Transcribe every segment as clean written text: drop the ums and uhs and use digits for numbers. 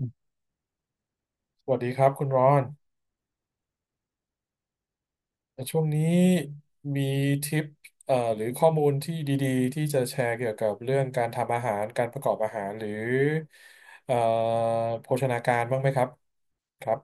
สวัสดีครับคุณรอนแต่ช่วงนี้มีทิปหรือข้อมูลที่ดีๆที่จะแชร์เกี่ยวกับเรื่องการทำอาหารการประกอบอาหารหรือเอ่อโภชนาการบ้างไหมครับครับ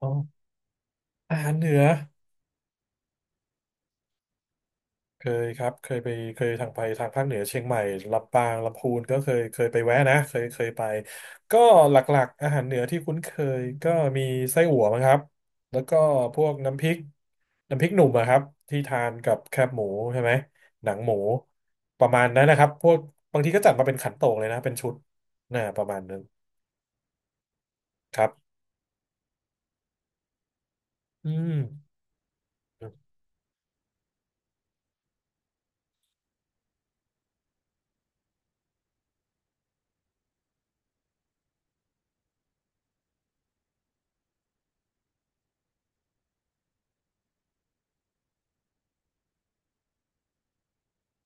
อ๋ออาหารเหนือ เคยครับเคยไปเคยทางไปทางภาคเหนือเชียงใหม่ลำปางลำพูนก็เคยไปแวะนะเคยไปก็หลักๆอาหารเหนือที่คุ้นเคยก็มีไส้อั่วมั้งครับแล้วก็พวกน้ำพริกหนุ่มอะครับที่ทานกับแคบหมูใช่ไหมหนังหมูประมาณนั้นนะครับพวกบางทีก็จัดมาเป็นขันโตกเลยนะเป็นชุดนะประมาณนั้นครับอืม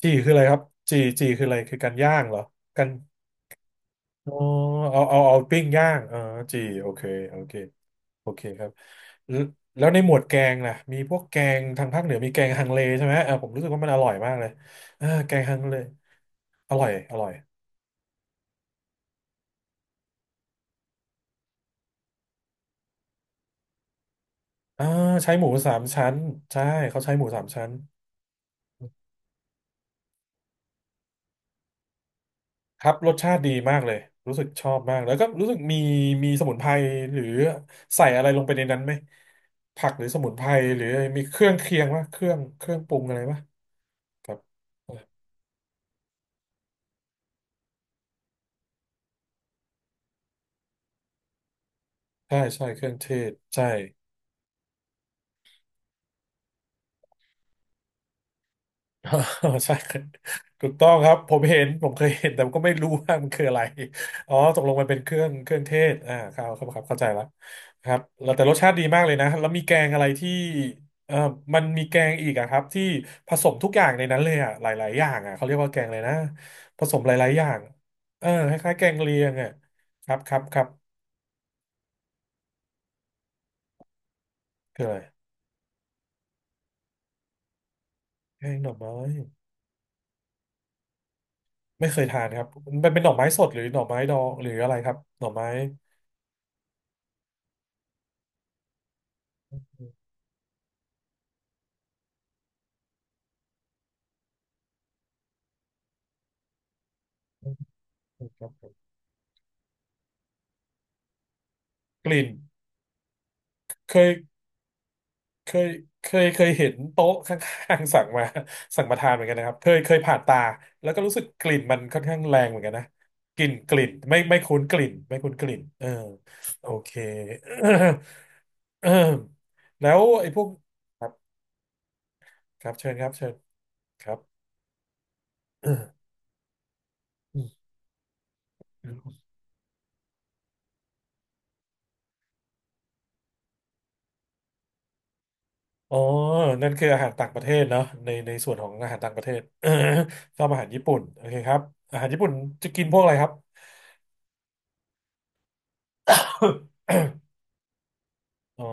จีคืออะไรครับจีคืออะไรคือการย่างเหรอกัน อ๋อเอาปิ้งย่างอ๋อจีโอเคโอเคโอเคครับแล้วแล้วในหมวดแกงล่ะมีพวกแกงทางภาคเหนือมีแกงฮังเลใช่ไหมเออผมรู้สึกว่ามันอร่อยมากเลยเออแกงฮังเลอร่อยอร่อยอ่าใช้หมูสามชั้นใช่เขาใช้หมูสามชั้นครับรสชาติดีมากเลยรู้สึกชอบมากแล้วก็รู้สึกมีสมุนไพรหรือใส่อะไรลงไปในนั้นไหมผักหรือสมุนไพรหรือมีเครื่องเคียงวะเครื่องปรุงอะไรวะครับ ใช่ใช่เครื่องเทศใช่ ใช่ครับถูกต้องครับผมเห็นผมเคยเห็นแต่ก็ไม่รู้ว่ามันคืออะไรอ๋อตกลงมันเป็นเครื่องเทศอ่าครับครับครับเข้าใจแล้วครับแล้วแต่รสชาติดีมากเลยนะแล้วมีแกงอะไรที่เอ่อมันมีแกงอีกอะครับที่ผสมทุกอย่างในนั้นเลยอะหลายๆอย่างอะเขาเรียกว่าแกงอะไรนะผสมหลายๆอย่างเออคล้ายๆแกงเลียงอะครับครับครับคืออะไรแกงหน่อไม้ไม่เคยทานครับมันเป็นหน่อไม้สดหรือหน่อไม้ดองหรืออะไรครับหน่อไม้ ครับผมกลิ่นเคยเคยเคยเห็นโต๊ะข้างๆ สั่งมาสั่งมาทานเหมือนกันนะครับเคยเคยผ่านตาแล้วก็รู้สึกกลิ่นมันค่อนข้างแรงเหมือนกันนะกลิ่นกลิ่นไม่คุ้นกลิ่นไม่คุ้นกลิ่นเออโอเค แล้วไอ้พวกครับครับเชิญครับเชิญครับ ออ๋อนั่นคืออาหารต่างประเทศเนาะในส่วนของอาหารต่างประเทศ ชอบอาหารญี่ปุ่นโอเคครับอาหารญี่ปุ่นจะกินพวกอะไรครับ อ๋อ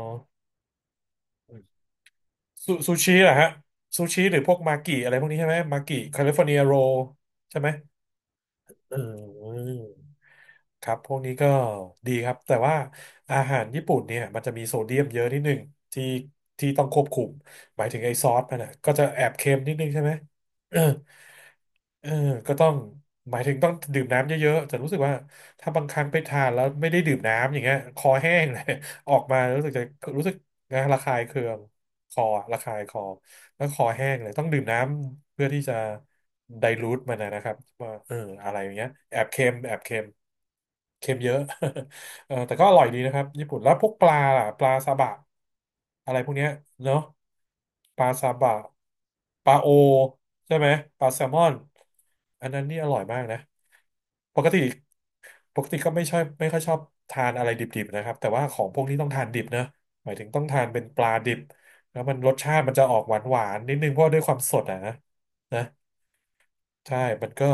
ซูชิเหรอฮะซูชิหรือพวกมากิอะไรพวกนี้ใช่ไหมมากิแคลิฟอร์เนียโรใช่ไหมเออครับพวกนี้ก็ดีครับแต่ว่าอาหารญี่ปุ่นเนี่ยมันจะมีโซเดียมเยอะนิดหนึ่งที่ที่ต้องควบคุมหมายถึงไอ้ซอสมันนะก็จะแอบเค็มนิดนึงใช่ไหม เออก็ต้องหมายถึงต้องดื่มน้ำเยอะๆแต่รู้สึกว่าถ้าบางครั้งไปทานแล้วไม่ได้ดื่มน้ำอย่างเงี้ยคอแห้งเลย ออกมารู้สึกนะระคายเคืองคอระคายคอแล้วคอแห้งเลยต้องดื่มน้ำเพื่อที่จะไดลูทมันนะนะครับว่าเอออะไรอย่างเงี้ยแอบเค็มเค็มเยอะ เออแต่ก็อร่อยดีนะครับญี่ปุ่นแล้วพวกปลาล่ะปลาซาบะอะไรพวกเนี้ยเนาะปลาซาบะปลาโอใช่ไหมปลาแซลมอนอันนั้นนี่อร่อยมากนะปกติปกติก็ไม่ชอบไม่ค่อยชอบทานอะไรดิบๆนะครับแต่ว่าของพวกนี้ต้องทานดิบนะหมายถึงต้องทานเป็นปลาดิบแล้วมันรสชาติมันจะออกหวานๆนิดนึงเพราะด้วยความสดอ่ะนะนะ ใช่มันก็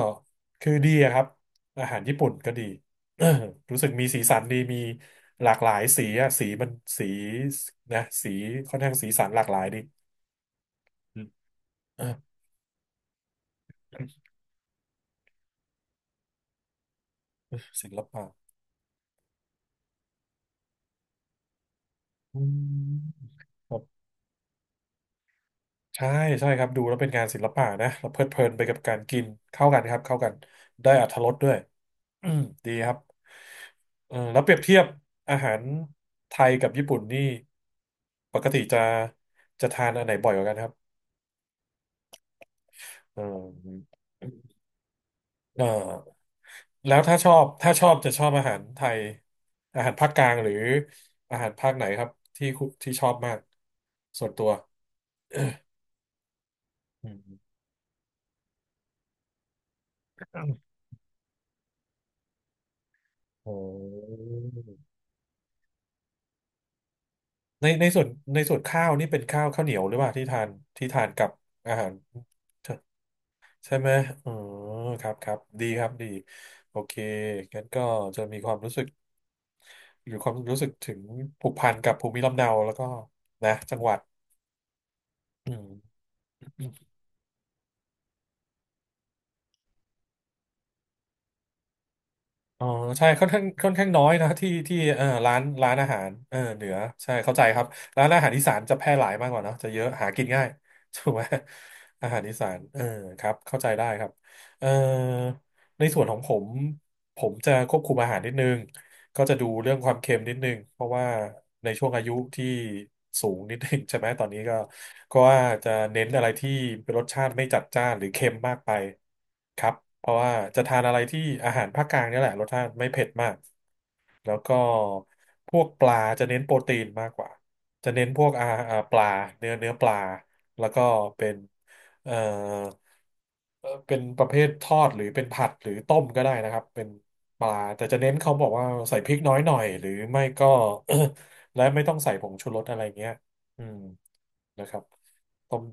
คือดีอะครับอาหารญี่ปุ่นก็ดี รู้สึกมีสีสันดีมีหลากหลายสีอะสีมันสีนะสีค่อนข้างสีสันหลากหลายดีอืม เออศิลปะอืมครับใช่ใช่ครับดูแล้วเป็นงานศิลปะนะเราเพลิดเพลินไปกับการกินเข้ากันครับเข้ากันได้อรรถรสด้วย อืมดีครับเออแล้วเปรียบเทียบอาหารไทยกับญี่ปุ่นนี่ปกติจะทานอันไหนบ่อยกว่ากันครับ อมเอ่อแล้วถ้าชอบจะชอบอาหารไทยอาหารภาคกลางหรืออาหารภาคไหนครับที่คุที่ชอบมากส่วนตัว อืมโอ้ในในส่วนข้าวนี่เป็นข้าวเหนียวหรือเปล่าที่ทานที่ทานกับอาหารใช่ไหมอ๋อครับครับดีครับดีโอเคงั้นก็จะมีความรู้สึกหรือความรู้สึกถึงผูกพันกับภูมิลำเนาแล้วก็นะจังหวัดอืม อ๋อใช่ค่อนข้างน้อยนะที่ร้านอาหารเหนือใช่เข้าใจครับร้านอาหารอีสานจะแพร่หลายมากกว่าเนอะจะเยอะหากินง่าย ถูกไหมอาหารอีสานครับเข้าใจได้ครับเออในส่วนของผมผมจะควบคุมอาหารนิดนึง ก็จะดูเรื่องความเค็มนิดนึงเพราะว่าในช่วงอายุที่สูงนิดนึง ใช่ไหมตอนนี้ก็ว่าจะเน้นอะไรที่เป็นรสชาติไม่จัดจ้านหรือเค็มมากไปครับเพราะว่าจะทานอะไรที่อาหารภาคกลางเนี่ยแหละรสชาติไม่เผ็ดมาก แล้วก็พวกปลาจะเน้นโปรตีนมากกว่าจะเน้นพวกอาอ่าปลาเนื้อปลาแล้วก็เป็นเอ่อเป็นประเภททอดหรือเป็นผัดหรือต้มก็ได้นะครับเป็นปลาแต่จะเน้นเขาบอกว่าใส่พริกน้อยหน่อยหรือไม่ก็ และไม่ต้องใส่ผงชูรสอะไรเงี้ยอืมนะครับต้ม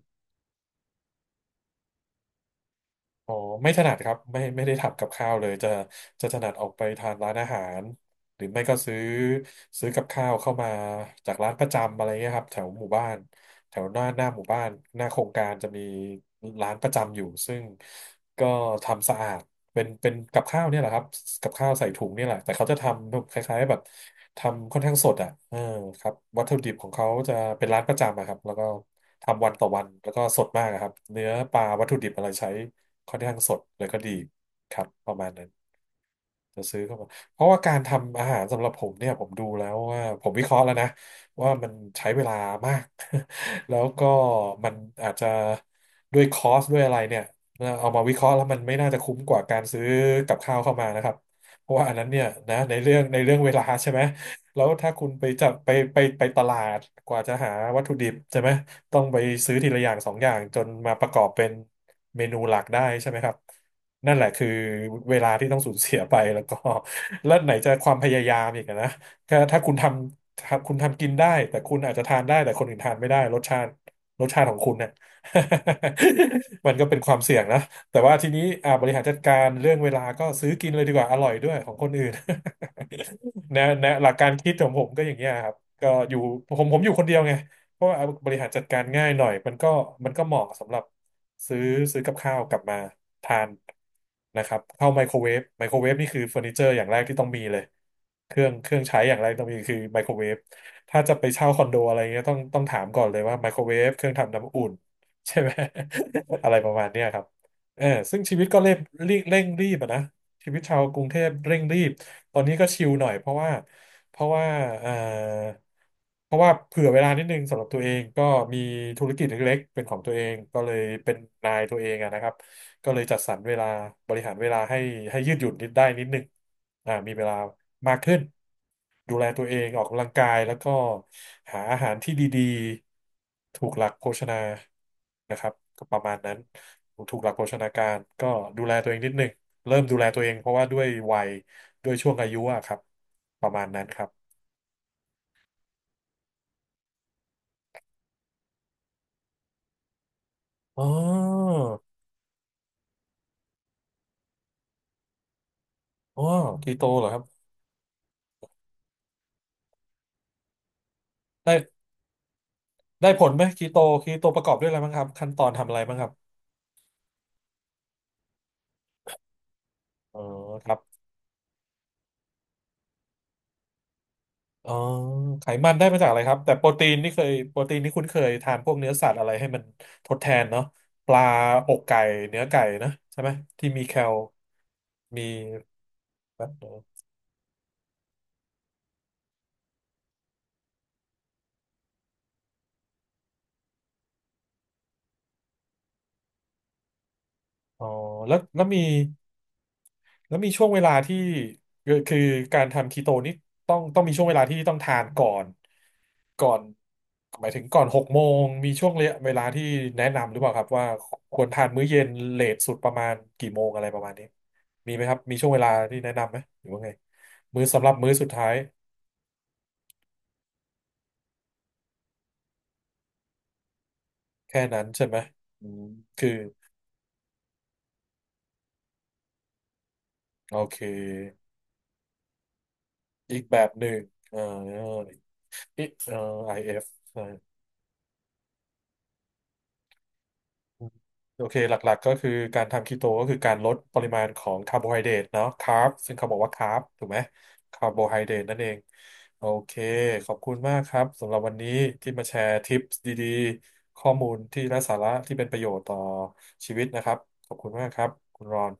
อ๋อไม่ถนัดครับไม่ได้ทำกับข้าวเลยจะถนัดออกไปทานร้านอาหารหรือไม่ก็ซื้อกับข้าวเข้ามาจากร้านประจำอะไรเงี้ยครับแถวหมู่บ้าน แถวหน้าหมู่บ้านหน้าโครงการจะมีร้านประจำอยู่ซึ่งก็ทำสะอาดเป็นกับข้าวเนี่ยแหละครับกับข้าวใส่ถุงเนี่ยแหละแต่เขาจะทำคล้ายๆแบบทำค่อนข้างสดอ่ะครับวัตถุดิบของเขาจะเป็นร้านประจำอะครับแล้วก็ทำวันต่อวันแล้วก็สดมากอะครับเนื้อปลาวัตถุดิบอะไรใช้ค่อนข้างสดแล้วก็ดีครับประมาณนั้น จะซื้อเข้ามาเพราะว่าการทำอาหารสำหรับผมเนี่ยผมดูแล้วว่าผมวิเคราะห์แล้วนะว่ามันใช้เวลามาก แล้วก็มันอาจจะด้วยคอสด้วยอะไรเนี่ยเอามาวิเคราะห์แล้วมันไม่น่าจะคุ้มกว่าการซื้อกับข้าวเข้ามานะครับเพราะว่าอันนั้นเนี่ยนะในเรื่องเวลาใช่ไหม แล้วถ้าคุณไปจับไปไปไปตลาดกว่าจะหาวัตถุดิบใช่ไหมต้องไปซื้อทีละอย่างสองอย่างจนมาประกอบเป็นเมนูหลักได้ใช่ไหมครับนั่นแหละคือเวลาที่ต้องสูญเสียไปแล้วก็ แล้วไหนจะความพยายามอีกอะนะถ้าถ้าคุณทำถ้าคุณทำกินได้แต่คุณอาจจะทานได้แต่คนอื่นทานไม่ได้รสชาติของคุณเนี่ย มันก็เป็นความเสี่ยงนะแต่ว่าทีนี้บริหารจัดการเรื่องเวลาก็ซื้อกินเลยดีกว่าอร่อยด้วยของคนอื่น แนวหลักการคิดของผมก็อย่างเงี้ยครับก็อยู่ผมอยู่คนเดียวไงเพราะว่าบริหารจัดการง่ายหน่อย มันก็เหมาะสำหรับซื้อซื้อกับข้าวกลับมาทานนะครับเข้าไมโครเวฟไมโครเวฟนี่คือเฟอร์นิเจอร์อย่างแรกที่ต้องมีเลยเครื่องใช้อย่างแรกต้องมีคือไมโครเวฟถ้าจะไปเช่าคอนโดอะไรเงี้ยต้องถามก่อนเลยว่าไมโครเวฟเครื่องทำน้ำอุ่นใช่ไหม อะไรประมาณเนี้ยครับเออซึ่งชีวิตก็เร่งรีบอะนะ ชีวิตชาวกรุงเทพเร่งรีบตอนนี้ก็ชิลหน่อยเพราะว่าเอ่อเพราะว่าเผื่อเวลานิดนึงสำหรับตัวเองก็มีธุรกิจเล็กๆเป็นของตัวเองก็เลยเป็นนายตัวเองอะนะครับก็เลยจัดสรรเวลาบริหารเวลาให้ให้ยืดหยุ่นนิดได้นิดนึงมีเวลามากขึ้นดูแลตัวเองออกกำลังกายแล้วก็หาอาหารที่ดีๆถูกหลักโภชนานะครับก็ประมาณนั้นถูกหลักโภชนาการก็ดูแลตัวเองนิดนึง เริ่มดูแลตัวเองเพราะว่าด้วยวัยด้วยช่วงอายุอะครับประมาณนั้นครับอ๋ออ๋อคีโตเหรอครับ ได้ได้ผลไหมคีโตคีโตประกอบด้วยอะไรบ้างครับขั้นตอนทำอะไรบ้างครับอ๋อครับอ๋อไขมันได้มาจากอะไรครับแต่โปรตีนนี่เคยโปรตีนนี่คุ้นเคยทานพวกเนื้อสัตว์อะไรให้มันทดแทนเนาะปลาอกไก่เนื้อไก่นะใช่ไหมที่มีแคลมี อ๋อแล้วแล้วมีแล้วมีช่วงเวลาที่คือการทำคีโตนี่ต้องมีช่วงเวลาที่ต้องทานก่อนก่อนหมายถึงก่อนหกโมงมีช่วงเวลาที่แนะนำหรือเปล่าครับว่าควรทานมื้อเย็นเลทสุดประมาณกี่โมงอะไรประมาณนี้มีไหมครับมีช่วงเวลาที่แนะนำไหมหรือว่าไงมื้อสำหรับมื้อสุดท้ายแค่นั้นใช่ไหมอืมคือโอเคอีกแบบหนึ่งเอ่ออีกเอ่อ i ฟ โอเคหลักๆก็คือการทำคีโตก็คือการลดปริมาณของคาร์โบไฮเดรตเนาะคาร์บซึ่งเขาบอกว่าคาร์บถูกไหมคาร์โบไฮเดรตนั่นเองโอเคขอบคุณมากครับสำหรับวันนี้ที่มาแชร์ทิปส์ดีๆข้อมูลที่ไร้สาระที่เป็นประโยชน์ต่อชีวิตนะครับขอบคุณมากครับคุณรอน